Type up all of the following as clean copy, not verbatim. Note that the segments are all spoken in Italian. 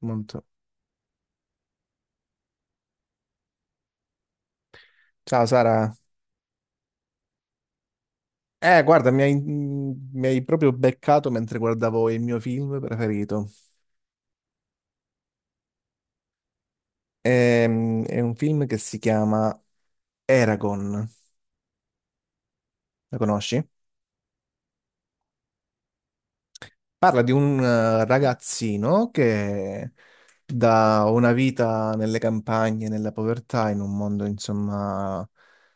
Molto. Ciao Sara. Guarda, mi hai proprio beccato mentre guardavo il mio film preferito. Un film che si chiama Eragon. La conosci? Parla di un ragazzino che da una vita nelle campagne, nella povertà, in un mondo, insomma,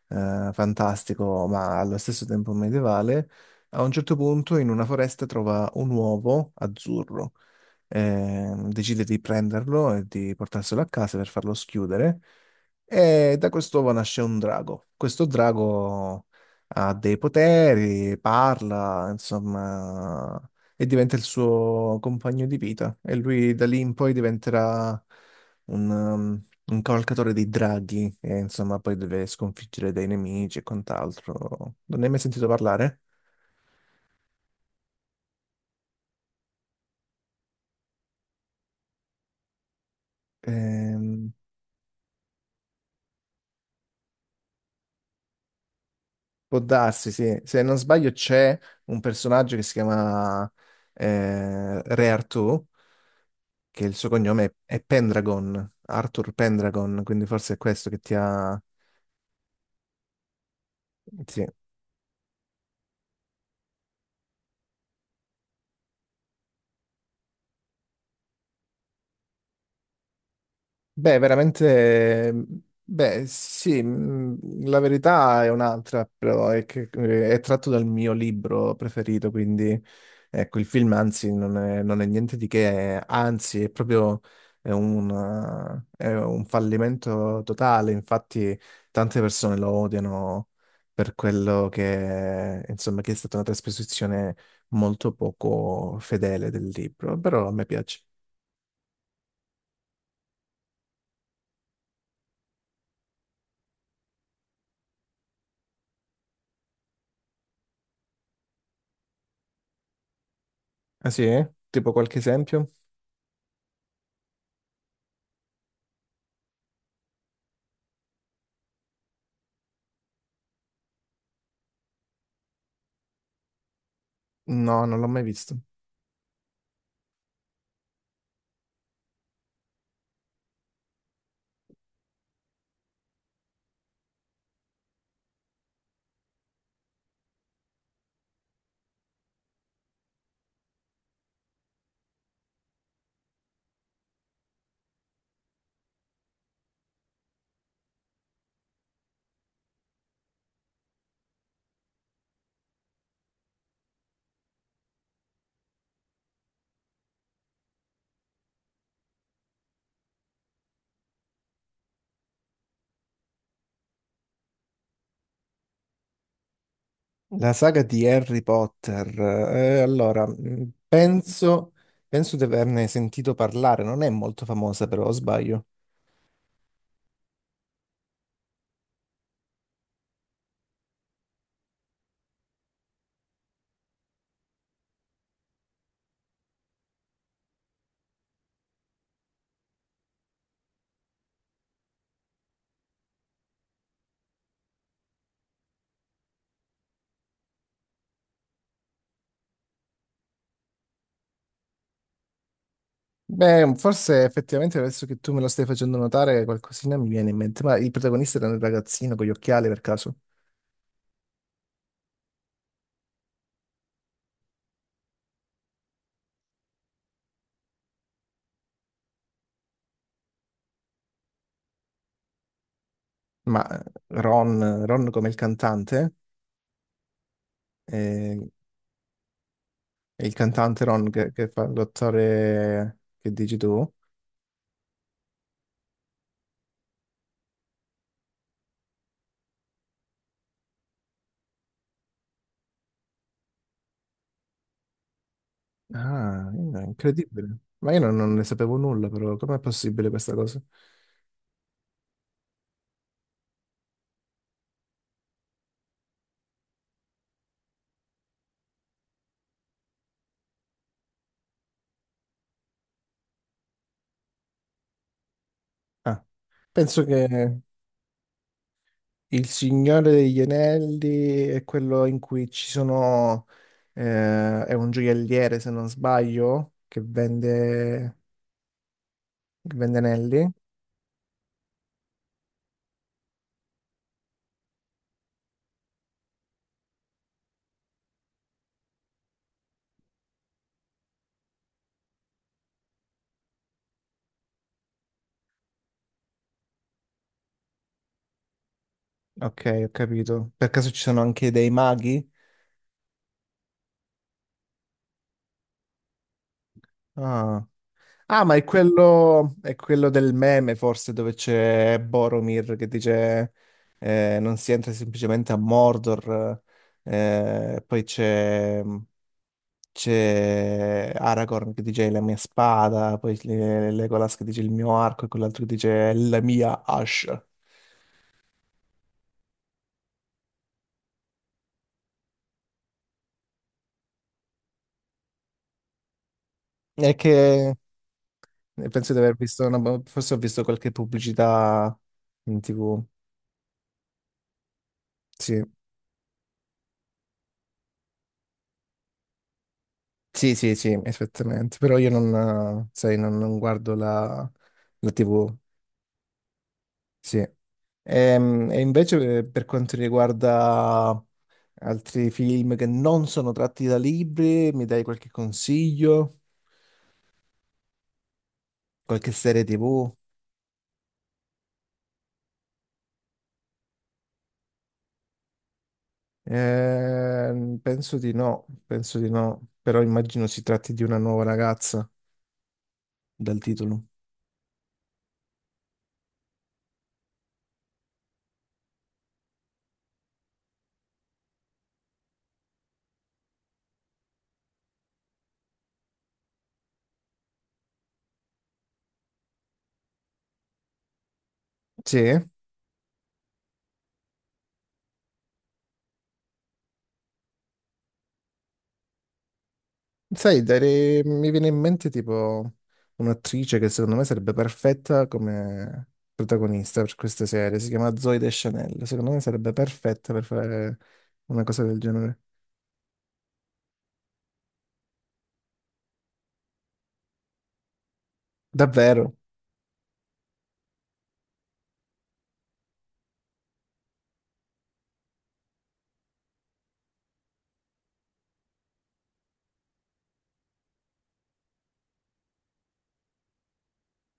fantastico, ma allo stesso tempo medievale, a un certo punto in una foresta trova un uovo azzurro. Decide di prenderlo e di portarselo a casa per farlo schiudere. E da quest'uovo nasce un drago. Questo drago ha dei poteri, parla, insomma, e diventa il suo compagno di vita. E lui da lì in poi diventerà un cavalcatore dei draghi, e insomma, poi deve sconfiggere dei nemici e quant'altro. Non ne hai mai sentito parlare? Ehm, Può darsi, sì. Se non sbaglio c'è un personaggio che si chiama Re Artù, che il suo cognome è Pendragon, Arthur Pendragon, quindi forse è questo che ti ha... sì. Beh, veramente, beh, sì, la verità è un'altra, però è che è tratto dal mio libro preferito, quindi ecco, il film anzi non è niente di che, anzi è proprio è un, è un fallimento totale, infatti tante persone lo odiano per quello che, insomma, che è stata una trasposizione molto poco fedele del libro, però a me piace. Ah sì? Tipo qualche esempio? No, non l'ho mai visto. La saga di Harry Potter. Allora, penso di averne sentito parlare. Non è molto famosa, però, o sbaglio. Beh, forse effettivamente adesso che tu me lo stai facendo notare, qualcosina mi viene in mente. Ma il protagonista era un ragazzino con gli occhiali per caso. Ma eh, Ron come il cantante, eh, è il cantante Ron che fa l'attore che dici tu. Ah, incredibile. Ma io non ne sapevo nulla, però com'è possibile questa cosa? Ah, penso che Il Signore degli Anelli è quello in cui ci sono... è un gioielliere, se non sbaglio, che vende anelli. Ok, ho capito. Per caso ci sono anche dei maghi? Ah. Ah, ma è quello del meme, forse, dove c'è Boromir che dice non si entra semplicemente a Mordor. Poi c'è Aragorn che dice la mia spada, Legolas che dice il mio arco e quell'altro che dice la mia ascia. È che penso di aver visto, forse ho visto qualche pubblicità in TV. Sì. Sì, esattamente, però io non, sai, non guardo la TV, sì. Invece, per quanto riguarda altri film che non sono tratti da libri, mi dai qualche consiglio? Qualche serie TV? Penso di no, penso di no, però immagino si tratti di una nuova ragazza dal titolo. Sì? Sai, mi viene in mente tipo un'attrice che secondo me sarebbe perfetta come protagonista per queste serie, si chiama Zoe Deschanel, secondo me sarebbe perfetta per fare una cosa del genere. Davvero?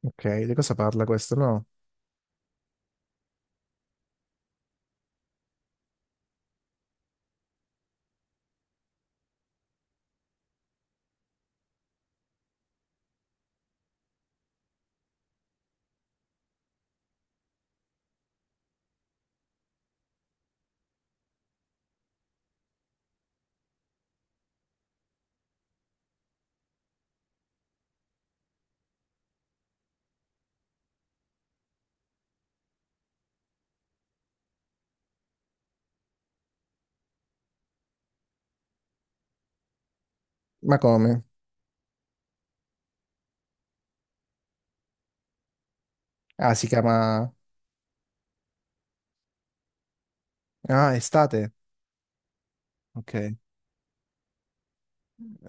Ok, di cosa parla questo? No? Ma come? Ah, si chiama... Ah, Estate? Ok,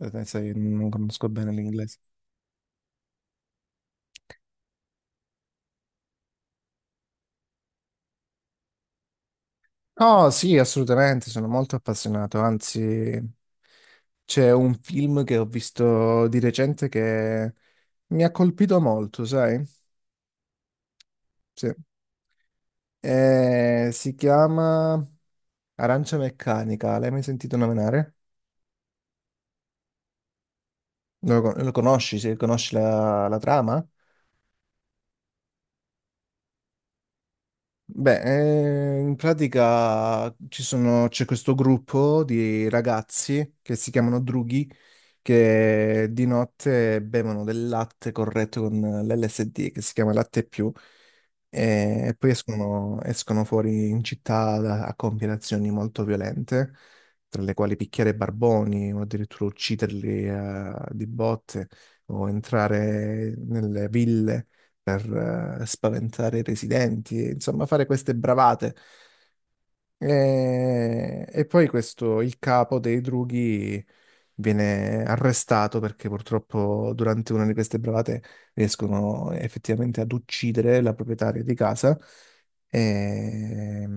sai, non conosco bene l'inglese. Oh sì, assolutamente, sono molto appassionato, anzi c'è un film che ho visto di recente che mi ha colpito molto, sai? Sì. Si chiama Arancia Meccanica. L'hai mai sentito nominare? Lo conosci? Se conosci la trama? Beh, in pratica c'è questo gruppo di ragazzi che si chiamano drughi che di notte bevono del latte corretto con l'LSD che si chiama latte più e poi escono fuori in città a compiere azioni molto violente, tra le quali picchiare barboni o addirittura ucciderli di botte o entrare nelle ville per spaventare i residenti, e, insomma, fare queste bravate. E poi questo, il capo dei drughi viene arrestato perché purtroppo durante una di queste bravate riescono effettivamente ad uccidere la proprietaria di casa. E,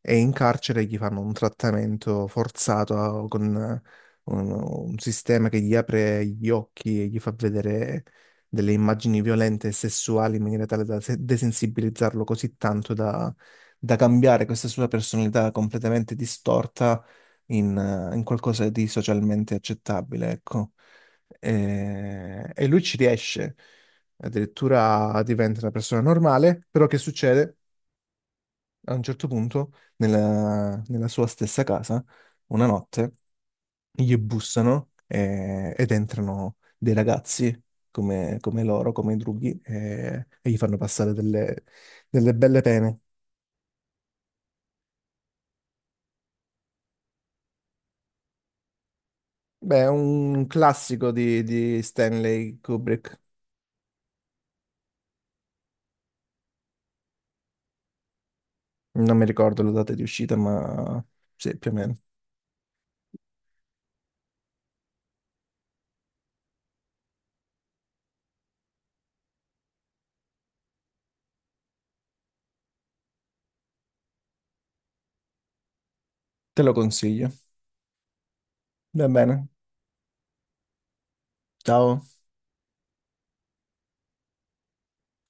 e in carcere gli fanno un trattamento forzato con un sistema che gli apre gli occhi e gli fa vedere delle immagini violente e sessuali in maniera tale da desensibilizzarlo così tanto da, da cambiare questa sua personalità completamente distorta in, in qualcosa di socialmente accettabile, ecco. E lui ci riesce, addirittura diventa una persona normale, però che succede? A un certo punto, nella sua stessa casa, una notte, gli bussano ed entrano dei ragazzi come loro, come i drughi, e gli fanno passare delle belle pene. Beh, è un classico di Stanley Kubrick. Non mi ricordo la data di uscita, ma sì, più o meno. Te lo consiglio. Va bene. Ciao.